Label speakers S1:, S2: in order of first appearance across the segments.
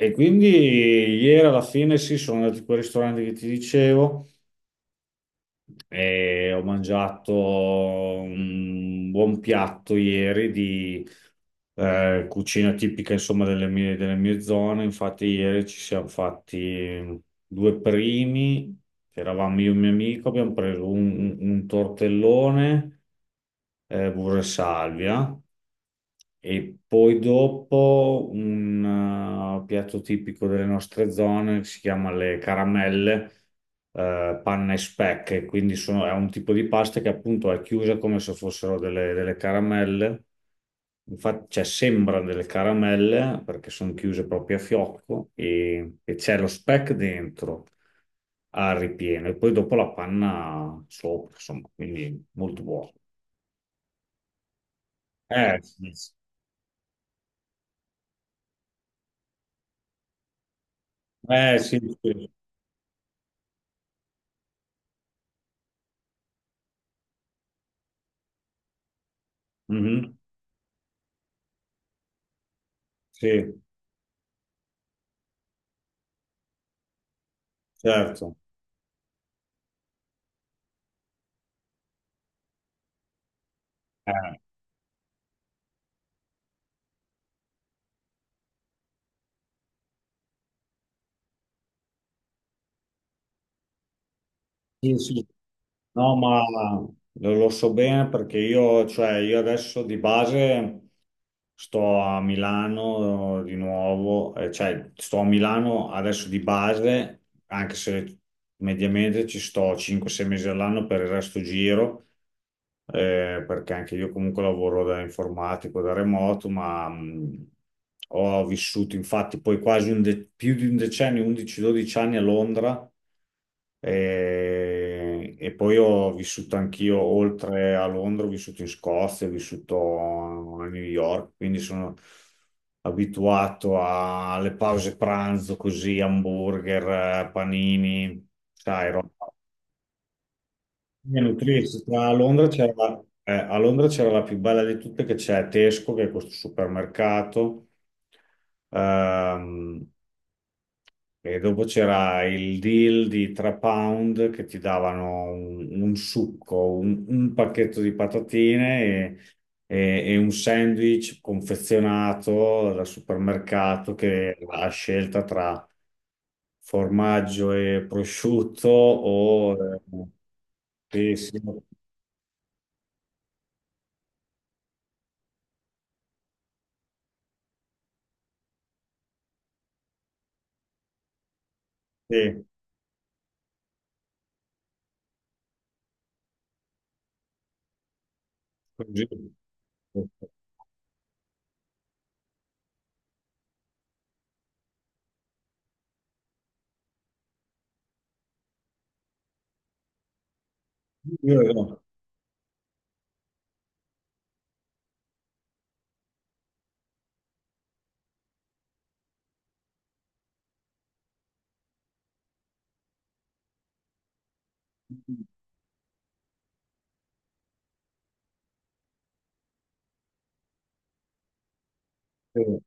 S1: E quindi ieri alla fine sì, sono andato in quel ristorante che ti dicevo e ho mangiato un buon piatto ieri di cucina tipica insomma delle mie zone. Infatti ieri ci siamo fatti due primi, che eravamo io e un mio amico, abbiamo preso un tortellone burro e salvia. E poi dopo un piatto tipico delle nostre zone che si chiama le caramelle, panna e speck, quindi è un tipo di pasta che appunto è chiusa come se fossero delle caramelle, infatti cioè, sembrano delle caramelle perché sono chiuse proprio a fiocco e c'è lo speck dentro al ripieno e poi dopo la panna sopra, insomma, quindi molto buono. Sì, sì. Sì, sì. Mhm. Sì, certo. Eh, sì, sì. No, ma lo so bene perché cioè, io adesso di base sto a Milano di nuovo, cioè sto a Milano adesso di base, anche se mediamente ci sto 5-6 mesi all'anno per il resto giro. Perché anche io comunque lavoro da informatico, da remoto, ma ho vissuto infatti poi quasi più di un decennio, 11-12 anni a Londra e, poi ho vissuto anch'io oltre a Londra, ho vissuto in Scozia, ho vissuto a New York, quindi sono abituato alle pause pranzo così, hamburger, panini, sai, roba. Bisogna nutrirsi. A Londra c'era a Londra c'era la più bella di tutte che c'è Tesco, che è questo supermercato, ehm, e dopo c'era il deal di 3 pound che ti davano un succo, un pacchetto di patatine e, e un sandwich confezionato dal supermercato che ha scelta tra formaggio e prosciutto o... Eh, sì, sì. Sì, così. Io no. Eh,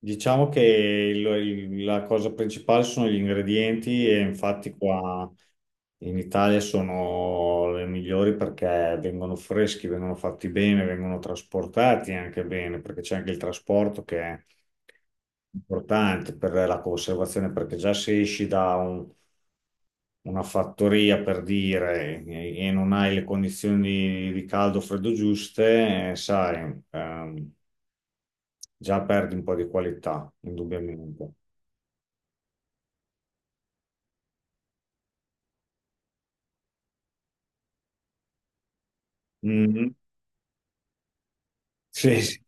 S1: Diciamo che la cosa principale sono gli ingredienti e infatti qua in Italia sono le migliori perché vengono freschi, vengono fatti bene, vengono trasportati anche bene, perché c'è anche il trasporto che è importante per la conservazione, perché già se esci da una fattoria per dire e non hai le condizioni di caldo o freddo giuste, sai, già perdi un po' di qualità, indubbiamente. Mm. Sì, sì.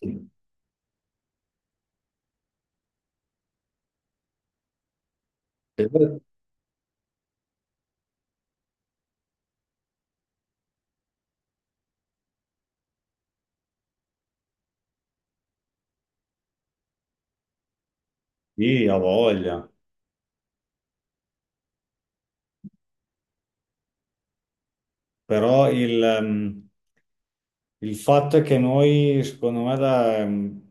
S1: Sì, ha voglia. Però il fatto è che noi, secondo me,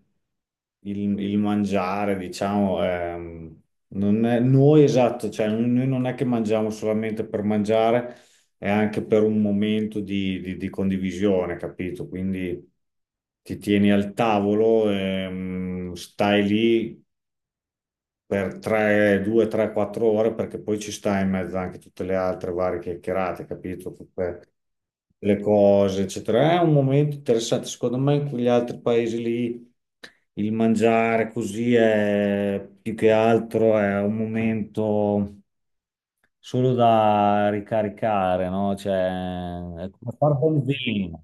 S1: il mangiare, diciamo, non è, noi esatto, cioè noi non è che mangiamo solamente per mangiare, è anche per un momento di, di condivisione, capito? Quindi ti tieni al tavolo, stai lì per 3, 2, 3, 4 ore, perché poi ci sta in mezzo anche tutte le altre varie chiacchierate, capito? Tutte le cose, eccetera. È un momento interessante, secondo me, in quegli altri paesi lì il mangiare così è più che altro è un momento solo da ricaricare, no? Cioè, è come far buon vino.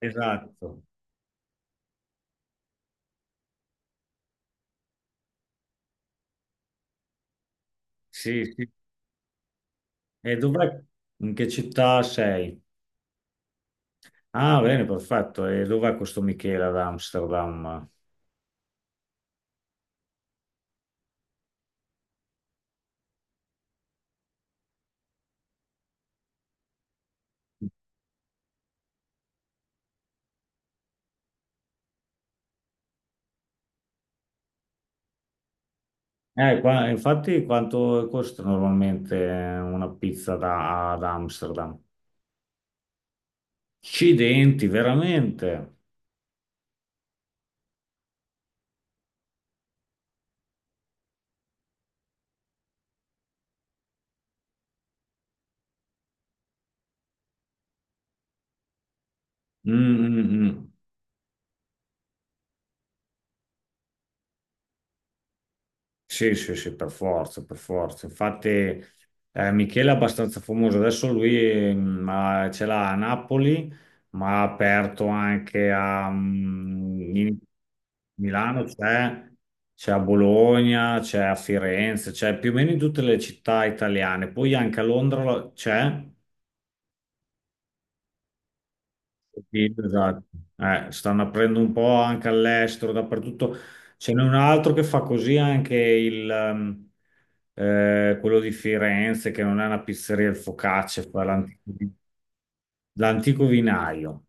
S1: Esatto. Sì, sì. E dov'è? In che città sei? Ah, bene, perfetto. E dov'è questo Michele ad Amsterdam? Infatti, quanto costa normalmente una pizza ad Amsterdam? Accidenti, veramente. Mm, mm, mm. Sì, sì, sì, per forza, per forza. Infatti, Michele è abbastanza famoso. Adesso lui ma ce l'ha a Napoli, ma ha aperto anche in Milano, c'è a Bologna, c'è a Firenze, c'è più o meno in tutte le città italiane. Poi anche a Londra c'è. Sì, esatto. Stanno aprendo un po' anche all'estero, dappertutto. Ce n'è un altro che fa così anche quello di Firenze, che non è una pizzeria, il focaccia, fa l'antico vinaio.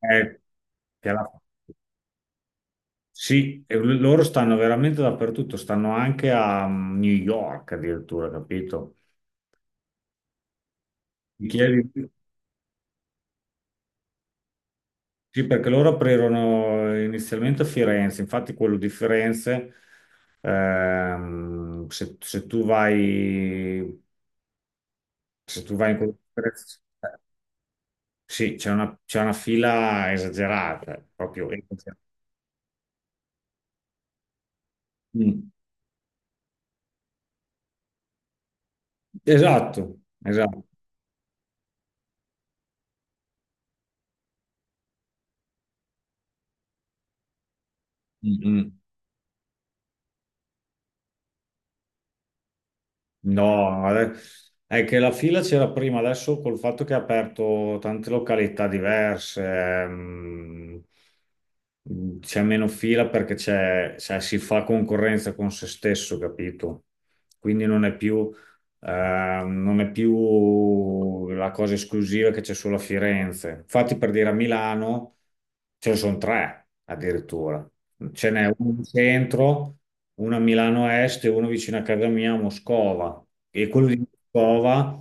S1: Eh, che alla- Sì, e loro stanno veramente dappertutto, stanno anche a New York addirittura, capito? Ti chiedi? Sì, perché loro aprirono inizialmente a Firenze, infatti quello di Firenze, ehm, se, se tu vai, se tu vai in quello di Firenze, sì, c'è una fila esagerata, proprio, esagerata. Mm. Esatto, esatto. Mm, mm. No, è che la fila c'era prima, adesso col fatto che ha aperto tante località diverse, c'è meno fila perché c'è, cioè, si fa concorrenza con se stesso, capito? Quindi eh, non è più la cosa esclusiva che c'è solo a Firenze. Infatti, per dire a Milano ce ne sono tre addirittura. Ce n'è uno in centro, uno a Milano Est e uno vicino a casa mia a Moscova. E quello di Moscova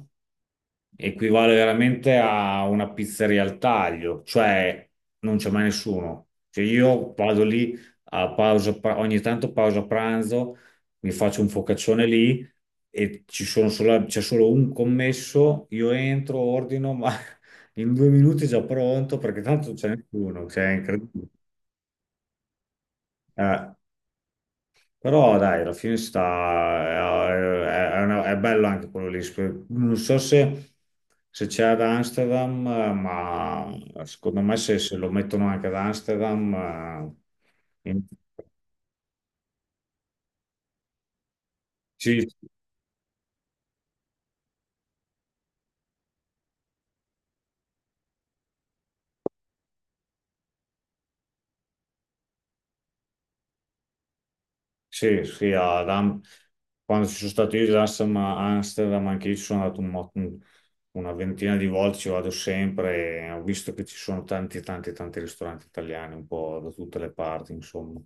S1: equivale veramente a una pizzeria al taglio, cioè non c'è mai nessuno. Cioè io vado lì ogni tanto pausa pranzo, mi faccio un focaccione lì e c'è solo un commesso, io entro, ordino, ma in 2 minuti è già pronto perché tanto non c'è nessuno, cioè è incredibile. Eh. Però dai, alla fine sta, è una- è bello anche quello lì. Non so se, se, c'è ad Amsterdam, ma secondo me se lo mettono anche ad Amsterdam, eh, in- sì, sì, sì, quando ci sono stato io ad Amsterdam, anche io ci sono andato una ventina di volte, ci vado sempre e ho visto che ci sono tanti, tanti, tanti ristoranti italiani un po' da tutte le parti, insomma.